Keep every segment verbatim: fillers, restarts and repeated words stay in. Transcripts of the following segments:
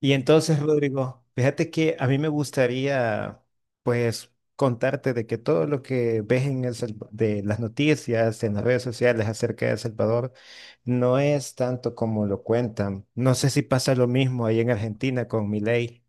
Y entonces, Rodrigo, fíjate que a mí me gustaría, pues, contarte de que todo lo que ves en El Salv- de las noticias, en las redes sociales acerca de El Salvador, no es tanto como lo cuentan. No sé si pasa lo mismo ahí en Argentina con Milei.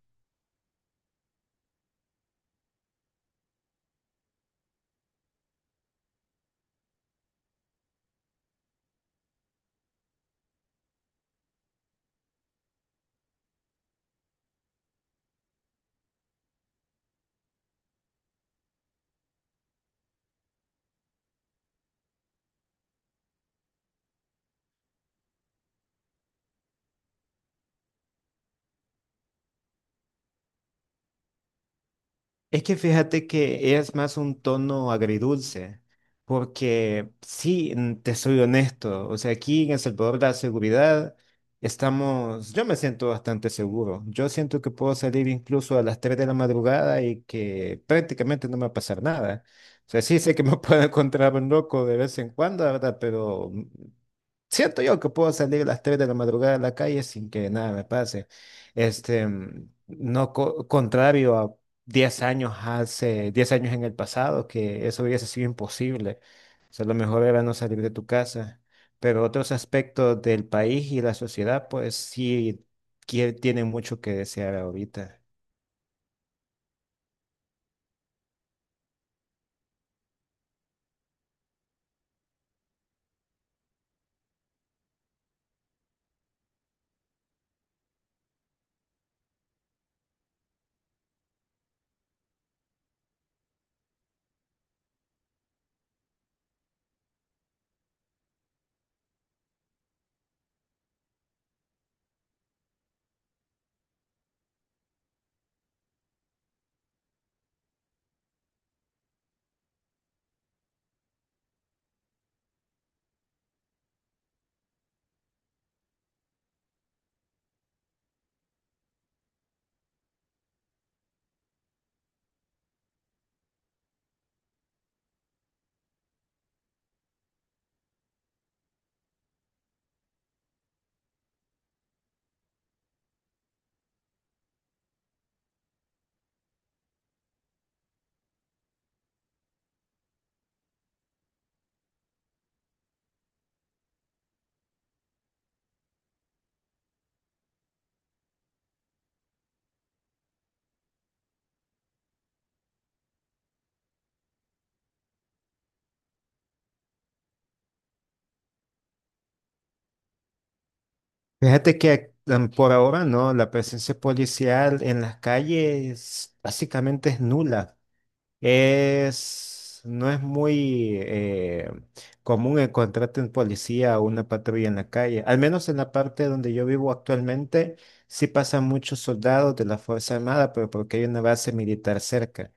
Es que fíjate que es más un tono agridulce, porque sí, mm, te soy honesto, o sea, aquí en El Salvador la seguridad estamos, yo me siento bastante seguro, yo siento que puedo salir incluso a las tres de la madrugada y que prácticamente no me va a pasar nada. O sea, sí sé que me puedo encontrar un loco de vez en cuando, ¿verdad? Pero siento yo que puedo salir a las tres de la madrugada a la calle sin que nada me pase. Este, mm, no co- Contrario a diez años hace, diez años en el pasado, que eso hubiese sido imposible. O sea, lo mejor era no salir de tu casa. Pero otros aspectos del país y la sociedad, pues sí quie- tienen mucho que desear ahorita. Fíjate que mm, por ahora no, la presencia policial en las calles básicamente es nula. Es, no es muy eh, común encontrarte un policía o una patrulla en la calle. Al menos en la parte donde yo vivo actualmente, sí pasan muchos soldados de la Fuerza Armada, pero porque hay una base militar cerca.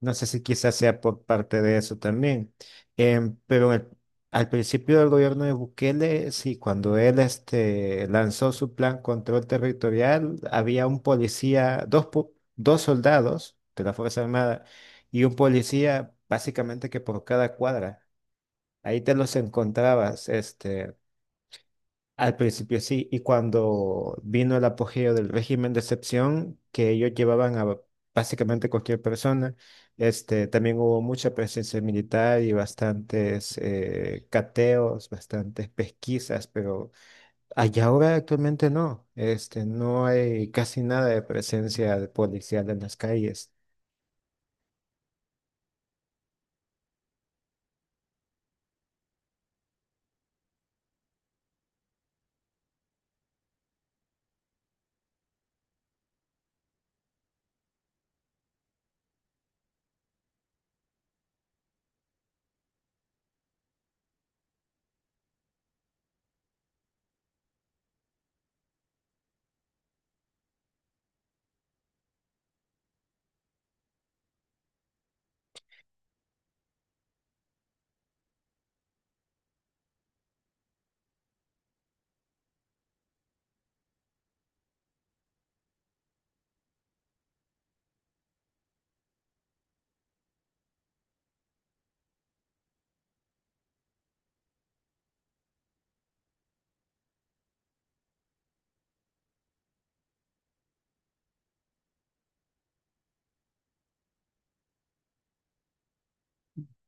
No sé si quizás sea por parte de eso también. Em, pero en el- Al principio del gobierno de Bukele, sí, cuando él este, lanzó su plan control territorial, había un policía, dos, po- dos soldados de la Fuerza Armada y un policía básicamente que por cada cuadra. Ahí te los encontrabas, este. Al principio sí, y cuando vino el apogeo del régimen de excepción, que ellos llevaban a básicamente cualquier persona, este, también hubo mucha presencia militar y bastantes eh, cateos, bastantes pesquisas, pero allá ahora actualmente no, este, no hay casi nada de presencia policial en las calles.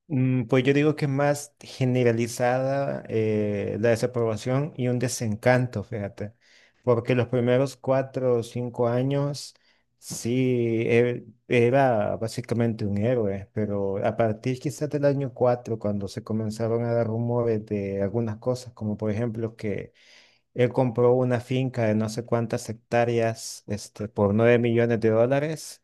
Mm, Pues yo digo que es más generalizada eh, la desaprobación y un desencanto, fíjate, porque los primeros cuatro o cinco años sí e- era básicamente un héroe, pero a partir quizás del año cuatro, cuando se comenzaron a dar rumores de algunas cosas, como por ejemplo que él compró una finca de no sé cuántas hectáreas este, por nueve millones de dólares.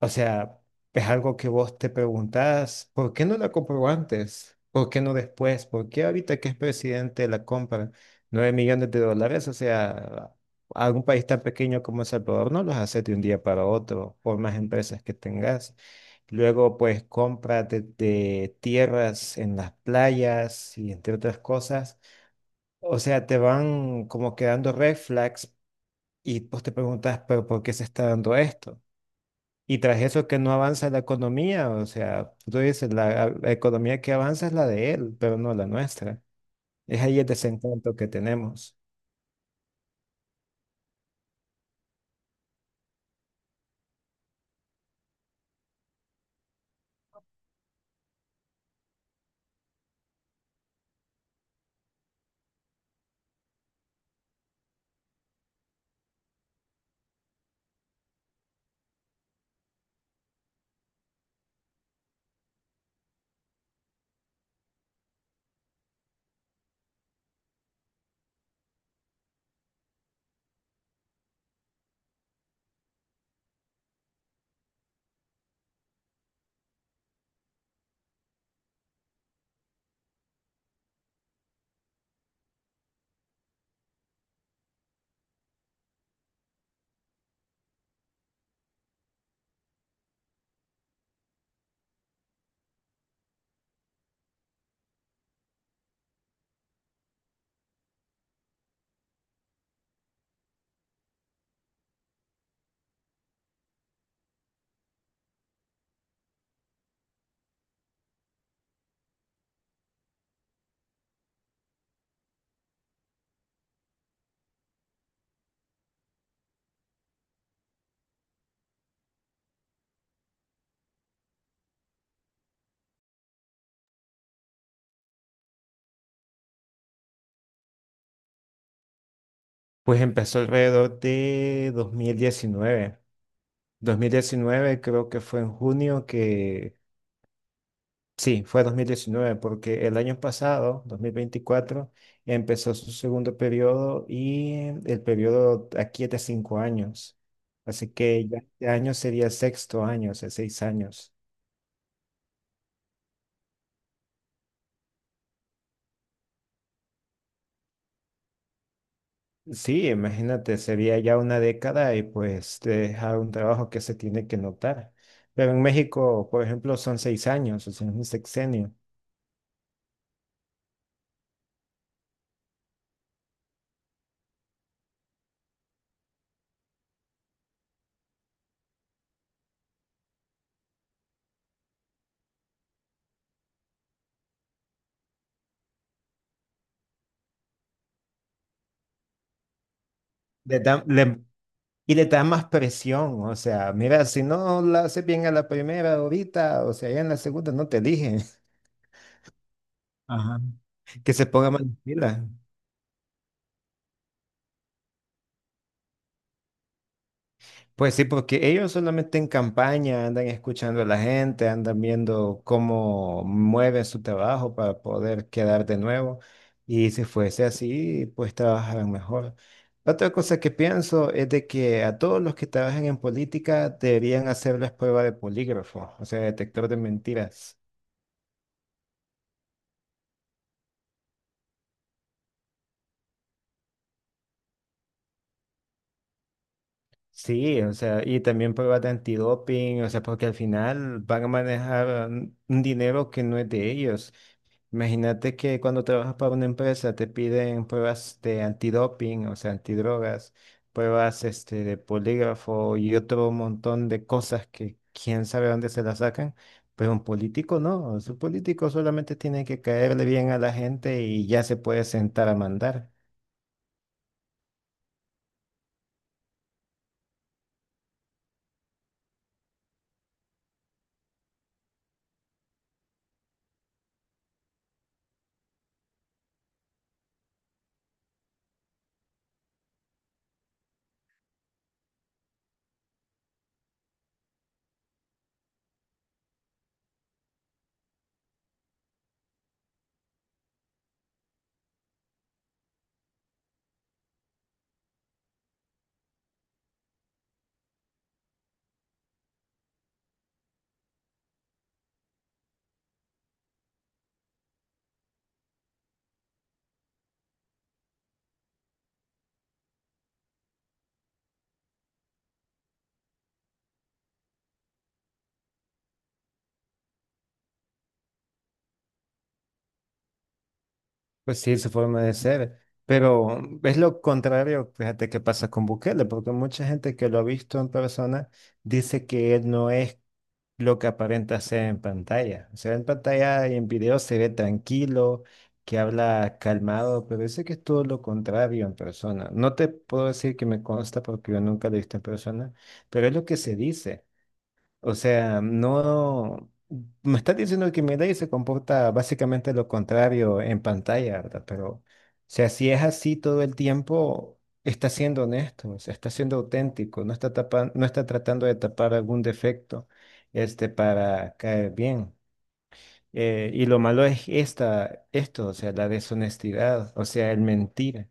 O sea, es algo que vos te preguntás, ¿por qué no la compró antes? ¿Por qué no después? ¿Por qué ahorita que es presidente la compra? Nueve millones de dólares, o sea, algún país tan pequeño como El Salvador no los hace de un día para otro, por más empresas que tengas. Luego, pues, compra de, de tierras en las playas y entre otras cosas. O sea, te van como quedando red flags y pues te preguntas, ¿pero por qué se está dando esto? Y tras eso es que no avanza la economía, o sea, tú dices, la, la economía que avanza es la de él, pero no la nuestra. Es ahí el desencanto que tenemos. Pues empezó alrededor de dos mil diecinueve. dos mil diecinueve creo que fue en junio que, sí, fue dos mil diecinueve, porque el año pasado, dos mil veinticuatro, empezó su segundo periodo y el periodo aquí es de cinco años. Así que ya este año sería el sexto año, o sea, seis años. Sí, imagínate, sería ya una década y pues te deja un trabajo que se tiene que notar. Pero en México, por ejemplo, son seis años, o sea, es un sexenio. Le da- le- y le da más presión, o sea, mira, si no la haces bien a la primera ahorita, o sea, ya en la segunda no te eligen. Ajá. Que se ponga más pila. Pues sí, porque ellos solamente en campaña andan escuchando a la gente, andan viendo cómo mueven su trabajo para poder quedar de nuevo. Y si fuese así, pues trabajarán mejor. Otra cosa que pienso es de que a todos los que trabajan en política deberían hacerles prueba de polígrafo, o sea, detector de mentiras. Sí, o sea, y también pruebas de antidoping, o sea, porque al final van a manejar un un dinero que no es de ellos. Imagínate que cuando trabajas para una empresa te piden pruebas de antidoping, o sea, antidrogas, pruebas este, de polígrafo y otro montón de cosas que quién sabe dónde se las sacan, pero un político no, un político solamente tiene que caerle bien a la gente y ya se puede sentar a mandar. Pues sí, su forma de ser. Pero es lo contrario, fíjate, que pasa con Bukele, porque mucha gente que lo ha visto en persona dice que él no es lo que aparenta ser en pantalla. O sea, en pantalla y en video se ve tranquilo, que habla calmado, pero dice que es todo lo contrario en persona. No te puedo decir que me consta porque yo nunca lo he visto en persona, pero es lo que se dice. O sea, no... Me estás diciendo que Milei se comporta básicamente lo contrario en pantalla, ¿verdad? Pero, o sea, si es así todo el tiempo, está siendo honesto, o sea, está siendo auténtico, no está tapa- no está tratando de tapar algún defecto, este, para caer bien. Eh, y lo malo es esta, esto, o sea, la deshonestidad, o sea, el mentir.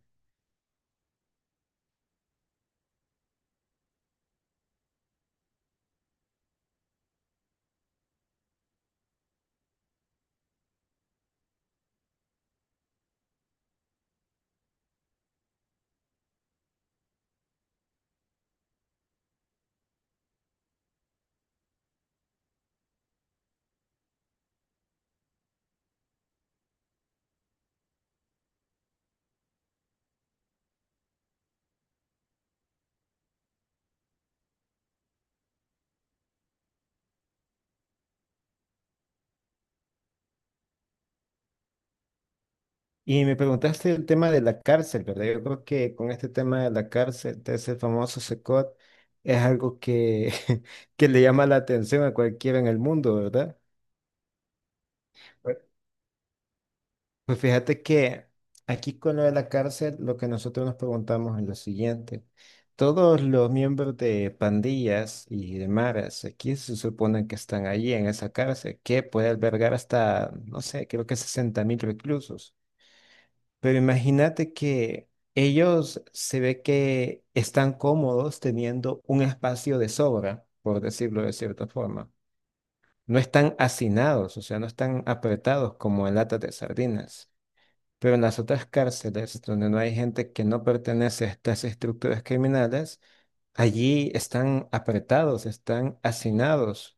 Y me preguntaste el tema de la cárcel, ¿verdad? Yo creo que con este tema de la cárcel, de ese famoso S E C O T, es algo que, que le llama la atención a cualquiera en el mundo, ¿verdad? Pues pues fíjate que aquí con lo de la cárcel, lo que nosotros nos preguntamos es lo siguiente. Todos los miembros de pandillas y de maras aquí se suponen que están allí en esa cárcel que puede albergar hasta, no sé, creo que sesenta mil reclusos. Pero imagínate que ellos se ve que están cómodos teniendo un espacio de sobra, por decirlo de cierta forma. No están hacinados, o sea, no están apretados como en latas de sardinas. Pero en las otras cárceles, donde no hay gente que no pertenece a estas estructuras criminales, allí están apretados, están hacinados.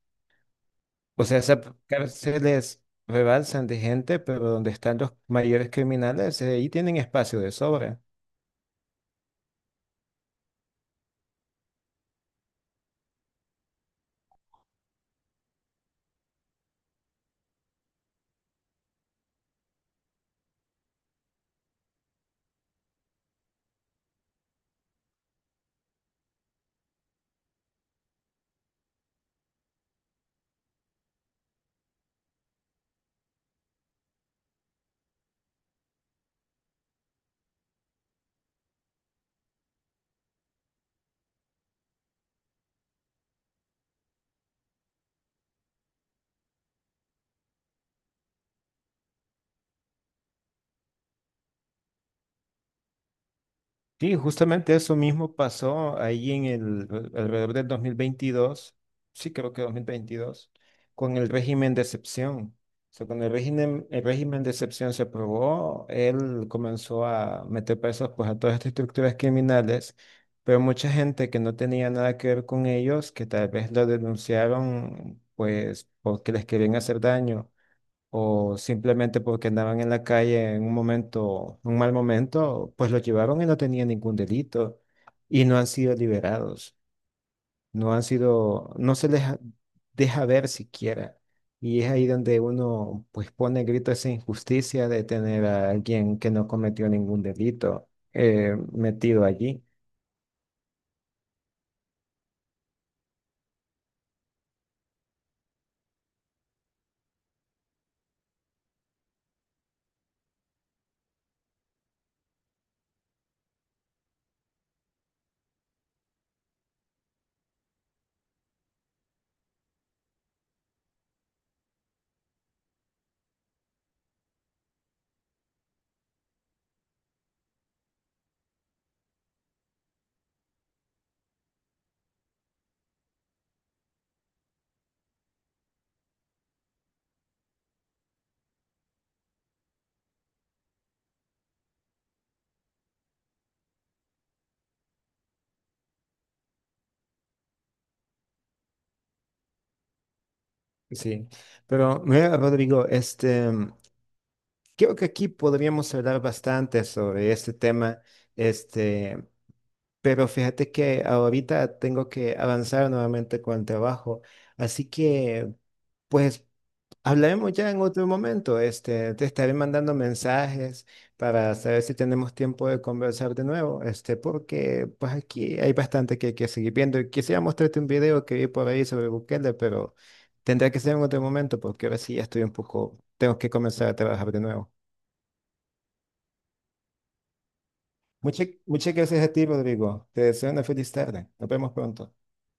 O sea, esas cárceles rebalsan de gente, pero donde están los mayores criminales, eh, ahí tienen espacio de sobra. Sí, justamente eso mismo pasó ahí en el alrededor del dos mil veintidós, sí creo que dos mil veintidós, con el régimen de excepción. O sea, cuando el régimen, el régimen de excepción se aprobó, él comenzó a meter presos pues, a todas estas estructuras criminales, pero mucha gente que no tenía nada que ver con ellos, que tal vez lo denunciaron pues porque les querían hacer daño o simplemente porque andaban en la calle en un momento, un mal momento, pues los llevaron y no tenían ningún delito y no han sido liberados, no han sido, no se les ha- deja ver siquiera. Y es ahí donde uno pues pone grito esa injusticia de tener a alguien que no cometió ningún delito eh, metido allí. Sí, pero mira, Rodrigo, este, creo que aquí podríamos hablar bastante sobre este tema. Este, pero fíjate que ahorita tengo que avanzar nuevamente con el trabajo. Así que, pues, hablaremos ya en otro momento. Este, te estaré mandando mensajes para saber si tenemos tiempo de conversar de nuevo. Este, porque pues aquí hay bastante que hay que seguir viendo. Y quisiera mostrarte un video que vi por ahí sobre Bukele, pero tendrá que ser en otro momento porque ahora sí ya estoy un poco, tengo que comenzar a trabajar de nuevo. Muchas, muchas gracias a ti, Rodrigo. Te deseo una feliz tarde. Nos vemos pronto.